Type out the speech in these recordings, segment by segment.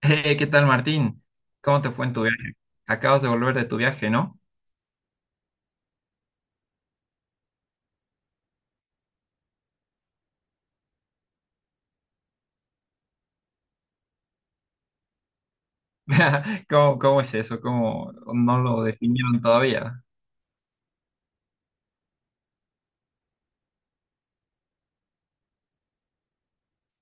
Hey, ¿qué tal, Martín? ¿Cómo te fue en tu viaje? Acabas de volver de tu viaje, ¿no? ¿Cómo es eso? ¿Cómo no lo definieron todavía?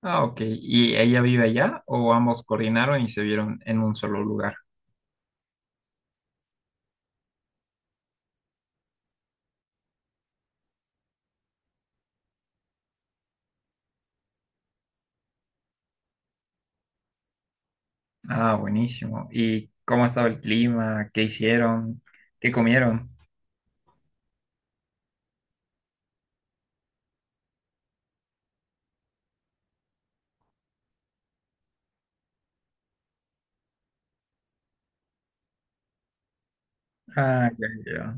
Ah, ok. ¿Y ella vive allá o ambos coordinaron y se vieron en un solo lugar? Ah, buenísimo. ¿Y cómo estaba el clima? ¿Qué hicieron? ¿Qué comieron? Ah, ya, ya.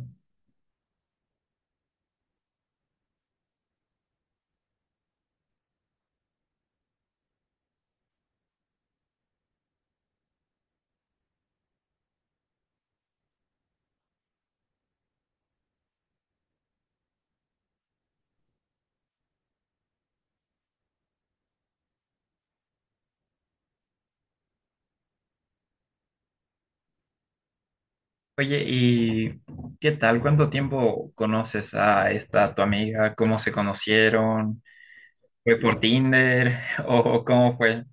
Oye, ¿y qué tal? ¿Cuánto tiempo conoces a esta tu amiga? ¿Cómo se conocieron? ¿Fue por Tinder o cómo fue?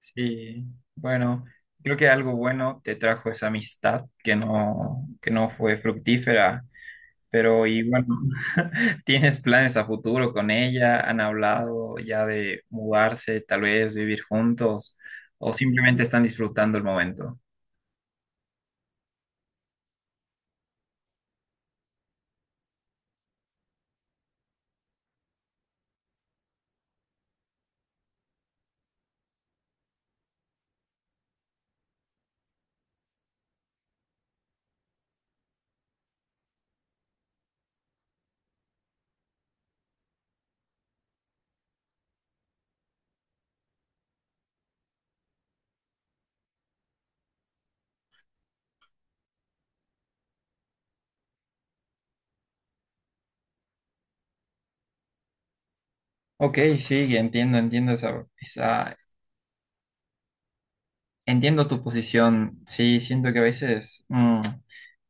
Sí, bueno, creo que algo bueno te trajo esa amistad que no fue fructífera, pero y bueno, ¿tienes planes a futuro con ella? ¿Han hablado ya de mudarse, tal vez vivir juntos, o simplemente están disfrutando el momento? Ok, sí, entiendo tu posición. Sí, siento que a veces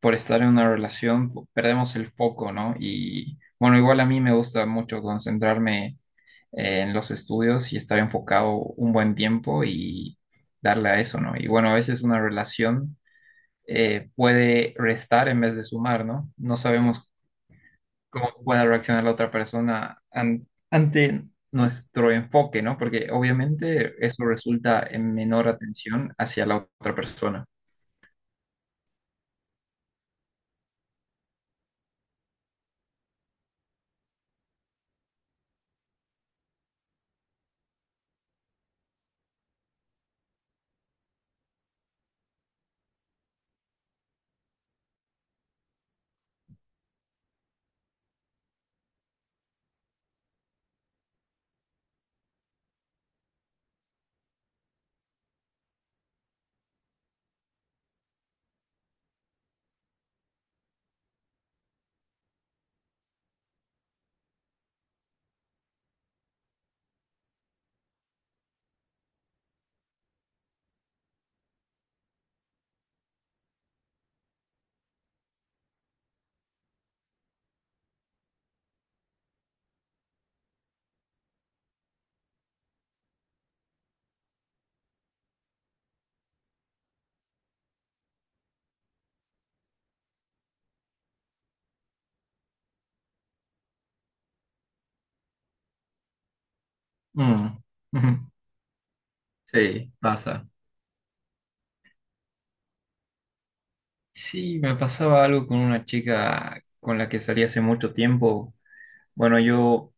por estar en una relación perdemos el foco, ¿no? Y bueno, igual a mí me gusta mucho concentrarme en los estudios y estar enfocado un buen tiempo y darle a eso, ¿no? Y bueno, a veces una relación puede restar en vez de sumar, ¿no? No sabemos cómo pueda reaccionar la otra persona ante nuestro enfoque, ¿no? Porque obviamente eso resulta en menor atención hacia la otra persona. Mm. Sí, pasa. Sí, me pasaba algo con una chica con la que salí hace mucho tiempo. Bueno, yo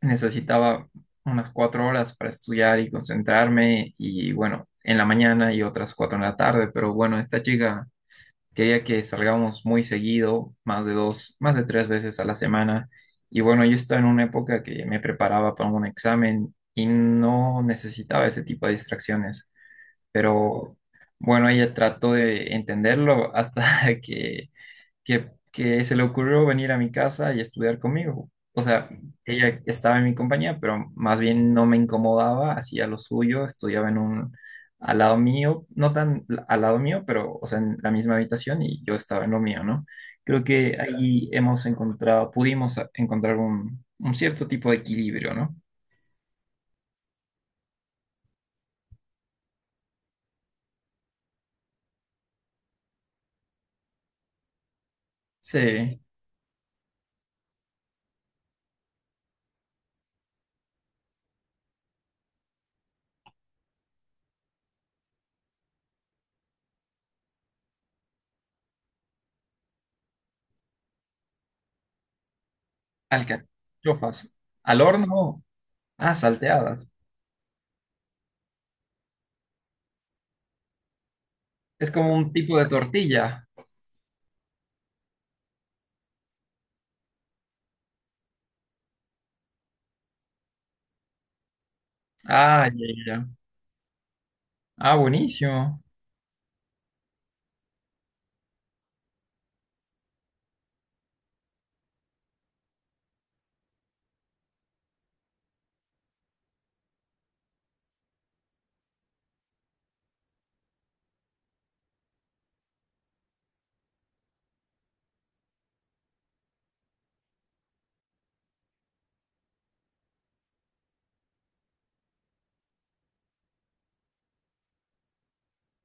necesitaba unas cuatro horas para estudiar y concentrarme y bueno, en la mañana y otras cuatro en la tarde, pero bueno, esta chica quería que salgamos muy seguido, más de dos, más de tres veces a la semana y bueno, yo estaba en una época que me preparaba para un examen y no necesitaba ese tipo de distracciones, pero bueno, ella trató de entenderlo hasta que que se le ocurrió venir a mi casa y estudiar conmigo. O sea, ella estaba en mi compañía, pero más bien no me incomodaba, hacía lo suyo, estudiaba en un, al lado mío, no tan al lado mío, pero, o sea, en la misma habitación y yo estaba en lo mío, ¿no? Creo que ahí hemos encontrado, pudimos encontrar un cierto tipo de equilibrio, ¿no? Sí, alcachofas. Al horno, ah, salteadas. Es como un tipo de tortilla. Ah, ya, ya, ya. Ah, buenísimo.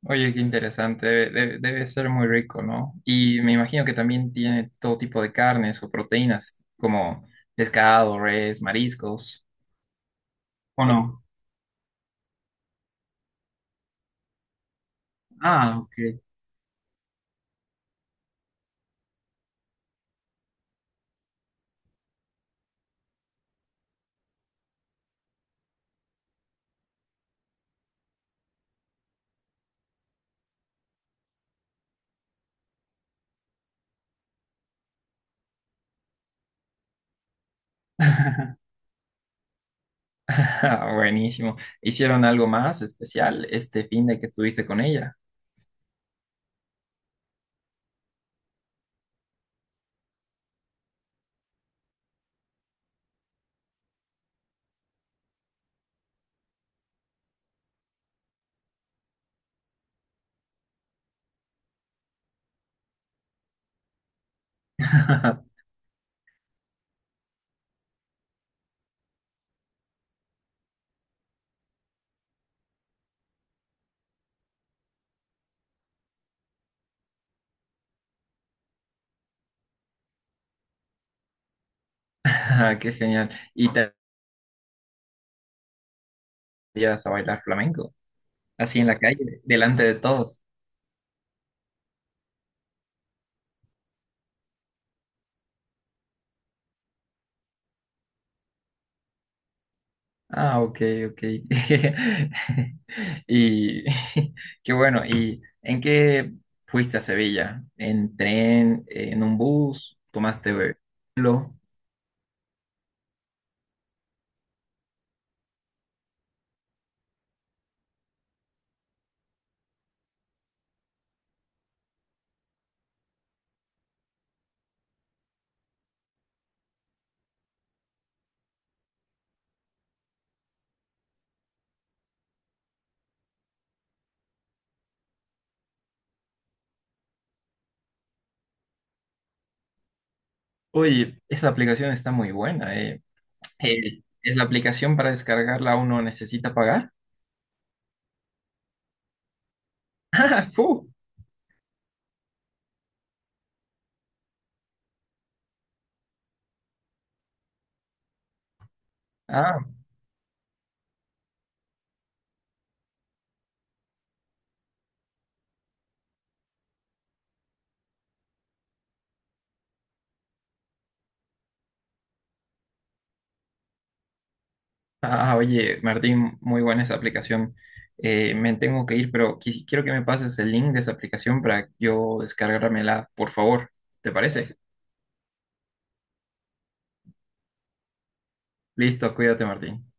Oye, qué interesante, ser muy rico, ¿no? Y me imagino que también tiene todo tipo de carnes o proteínas, como pescado, res, mariscos, ¿o no? Ah, ok. Ah, buenísimo. ¿Hicieron algo más especial este fin de que estuviste con ella? Ah, qué genial. ¿Y te llevas a bailar flamenco? Así en la calle, delante de todos. Ah, ok, ok. Y qué bueno. ¿Y en qué fuiste a Sevilla? ¿En tren? ¿En un bus? ¿Tomaste vuelo? Oye, esa aplicación está muy buena. ¿Es la aplicación para descargarla uno necesita pagar? Ah, fu. Ah, ah, oye, Martín, muy buena esa aplicación. Me tengo que ir, pero quiero que me pases el link de esa aplicación para yo descargármela, por favor. ¿Te parece? Listo, cuídate, Martín.